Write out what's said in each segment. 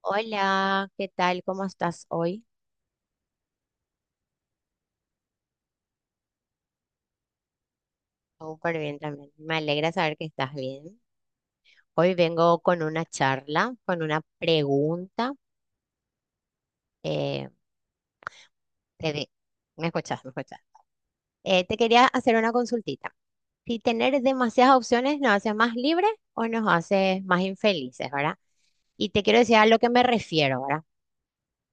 Hola, ¿qué tal? ¿Cómo estás hoy? Súper bien también. Me alegra saber que estás bien. Hoy vengo con una charla, con una pregunta. eh, te de- ¿Me escuchás? ¿Me escuchás? Te quería hacer una consultita. Si tener demasiadas opciones nos hace más libres o nos hace más infelices, ¿verdad? Y te quiero decir a lo que me refiero, ¿verdad?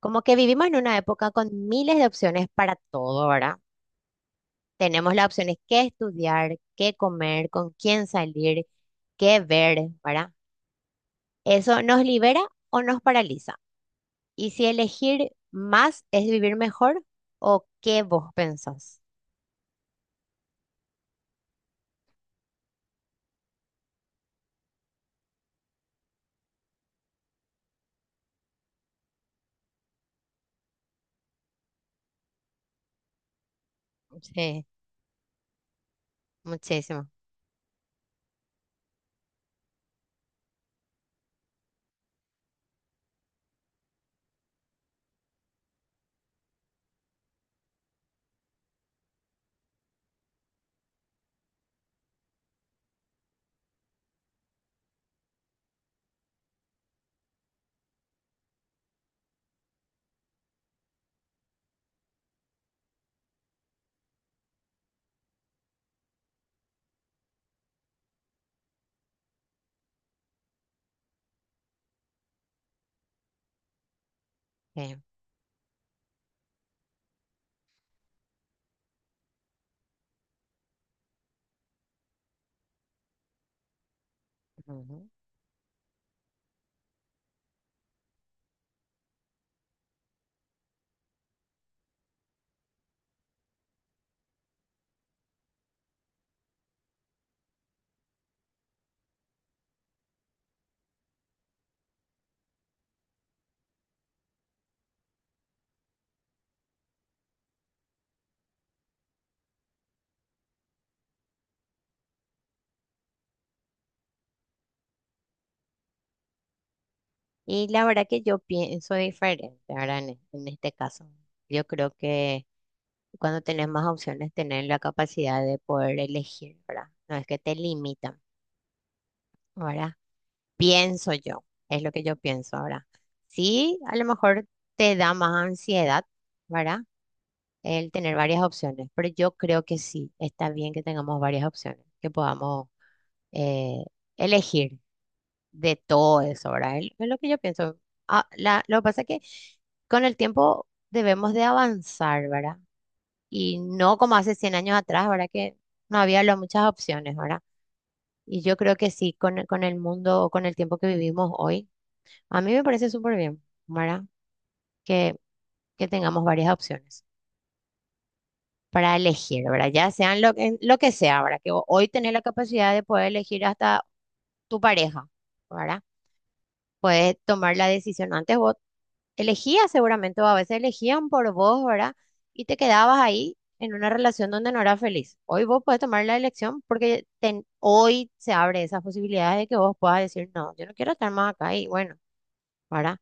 Como que vivimos en una época con miles de opciones para todo, ¿verdad? Tenemos las opciones qué estudiar, qué comer, con quién salir, qué ver, ¿verdad? ¿Eso nos libera o nos paraliza? Y si elegir más es vivir mejor o qué vos pensás. Sí, muchísimo. Sí, ujú. Y la verdad que yo pienso diferente, ¿verdad? En este caso, yo creo que cuando tenés más opciones, tenés la capacidad de poder elegir, ¿verdad? No es que te limitan, ¿verdad? Pienso yo, es lo que yo pienso ahora. Sí, a lo mejor te da más ansiedad, ¿verdad? El tener varias opciones, pero yo creo que sí, está bien que tengamos varias opciones, que podamos eh, elegir de todo eso, ¿verdad? Es lo que yo pienso. Ah, lo que pasa es que con el tiempo debemos de avanzar, ¿verdad? Y no como hace 100 años atrás, ¿verdad? Que no había muchas opciones, ¿verdad? Y yo creo que sí, con el mundo o con el tiempo que vivimos hoy. A mí me parece súper bien, ¿verdad? Que, que tengamos varias opciones para elegir, ¿verdad? Ya sean lo, en lo que sea, ¿verdad? Que hoy tenés la capacidad de poder elegir hasta tu pareja, ¿verdad? Puedes tomar la decisión. Antes vos elegías seguramente, o a veces elegían por vos, ¿verdad? Y te quedabas ahí en una relación donde no eras feliz. Hoy vos puedes tomar la elección porque hoy se abre esas posibilidades de que vos puedas decir, no, yo no quiero estar más acá y bueno, ¿verdad?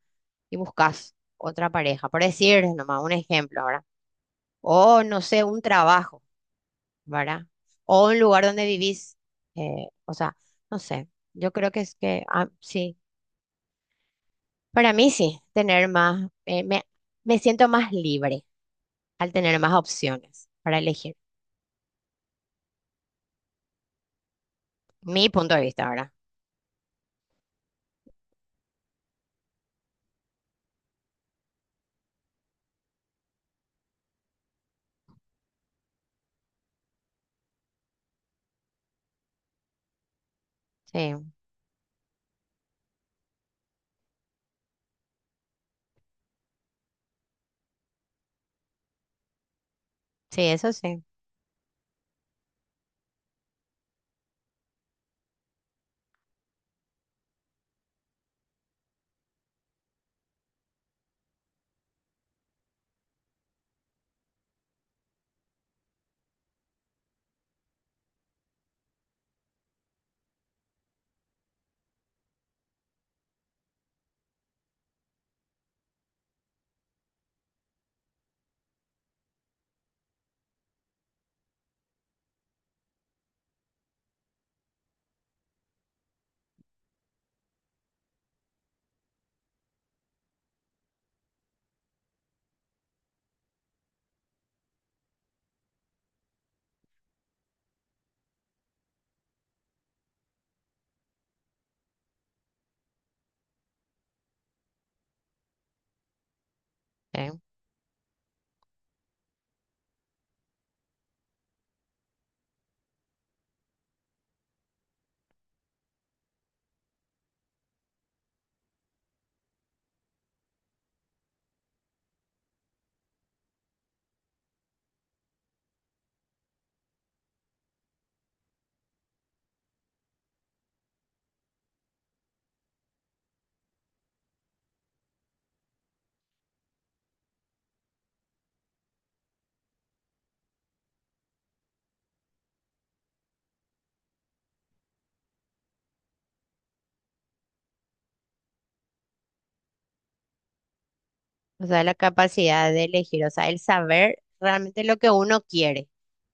Y buscas otra pareja, por decir nomás un ejemplo, ¿verdad? O no sé, un trabajo, ¿verdad? O un lugar donde vivís, o sea, no sé, yo creo que es que, ah, sí, para mí sí, tener más, me siento más libre al tener más opciones para elegir, mi punto de vista, ¿verdad? Sí, sí, eso sí. Sí. O sea, la capacidad de elegir, o sea, el saber realmente lo que uno quiere.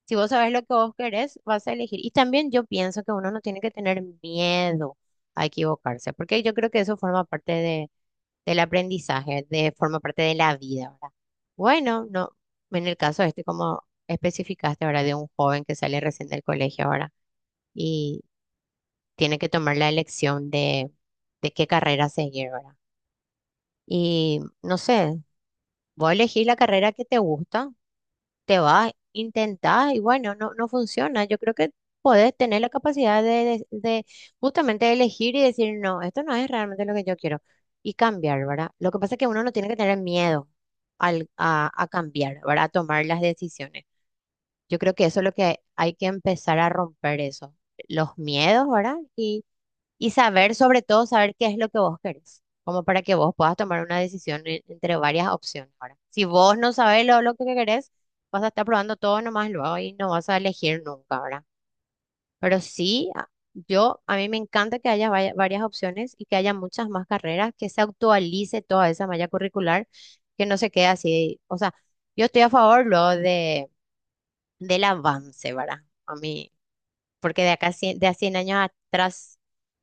Si vos sabes lo que vos querés, vas a elegir. Y también yo pienso que uno no tiene que tener miedo a equivocarse, porque yo creo que eso forma parte de, del aprendizaje, de, forma parte de la vida, ¿verdad? Bueno, no, en el caso este, como especificaste, ¿verdad? De un joven que sale recién del colegio ahora y tiene que tomar la elección de qué carrera seguir, ¿verdad? Y no sé, vos elegís la carrera que te gusta, te vas, intentás y bueno, no, no funciona. Yo creo que podés tener la capacidad de justamente elegir y decir, no, esto no es realmente lo que yo quiero y cambiar, ¿verdad? Lo que pasa es que uno no tiene que tener miedo a cambiar, ¿verdad? A tomar las decisiones. Yo creo que eso es lo que hay que empezar a romper eso, los miedos, ¿verdad? Y saber, sobre todo, saber qué es lo que vos querés, como para que vos puedas tomar una decisión entre varias opciones. Ahora, si vos no sabés lo que querés, vas a estar probando todo nomás luego y no vas a elegir nunca, ¿verdad? Pero sí, a mí me encanta que haya varias opciones y que haya muchas más carreras, que se actualice toda esa malla curricular, que no se quede así. O sea, yo estoy a favor luego de, del avance, ¿verdad? A mí porque de acá de a 100 años atrás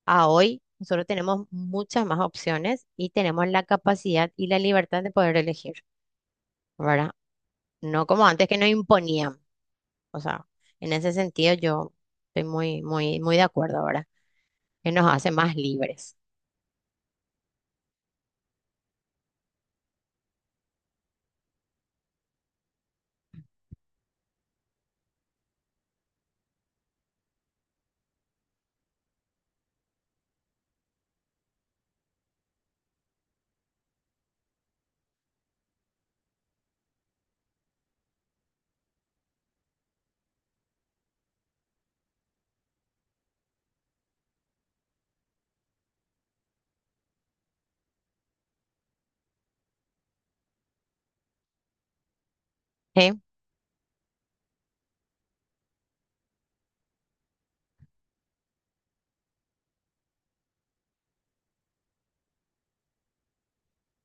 a hoy, nosotros tenemos muchas más opciones y tenemos la capacidad y la libertad de poder elegir, ¿verdad? No como antes que nos imponían. O sea, en ese sentido yo estoy muy de acuerdo ahora, que nos hace más libres. ¿Sí?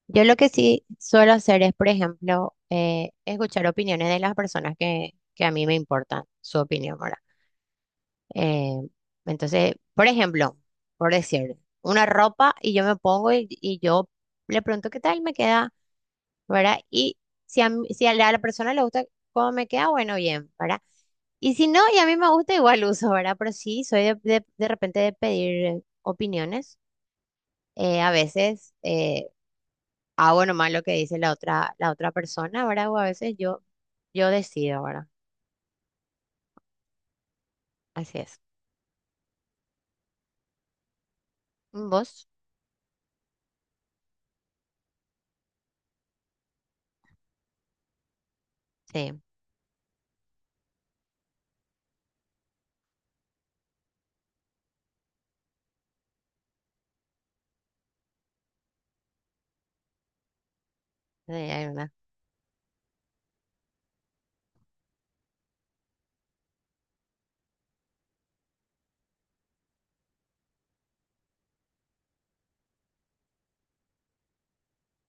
Yo lo que sí suelo hacer es, por ejemplo, escuchar opiniones de las personas que a mí me importan, su opinión, ¿verdad? Eh, entonces, por ejemplo, por decir, una ropa y yo me pongo y yo le pregunto qué tal me queda, ¿verdad? Y si a a la persona le gusta cómo me queda, bueno, bien, ¿verdad? Y si no, y a mí me gusta, igual uso, ¿verdad? Pero sí, soy de repente de pedir opiniones. A veces hago nomás lo que dice la otra persona, ¿verdad? O a veces yo decido, ¿verdad? Así es. ¿Vos? Sí, sí, hay una.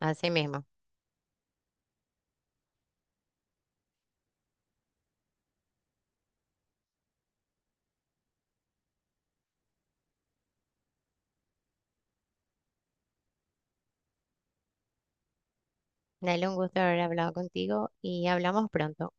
Así mismo. Dale, un gusto haber hablado contigo y hablamos pronto.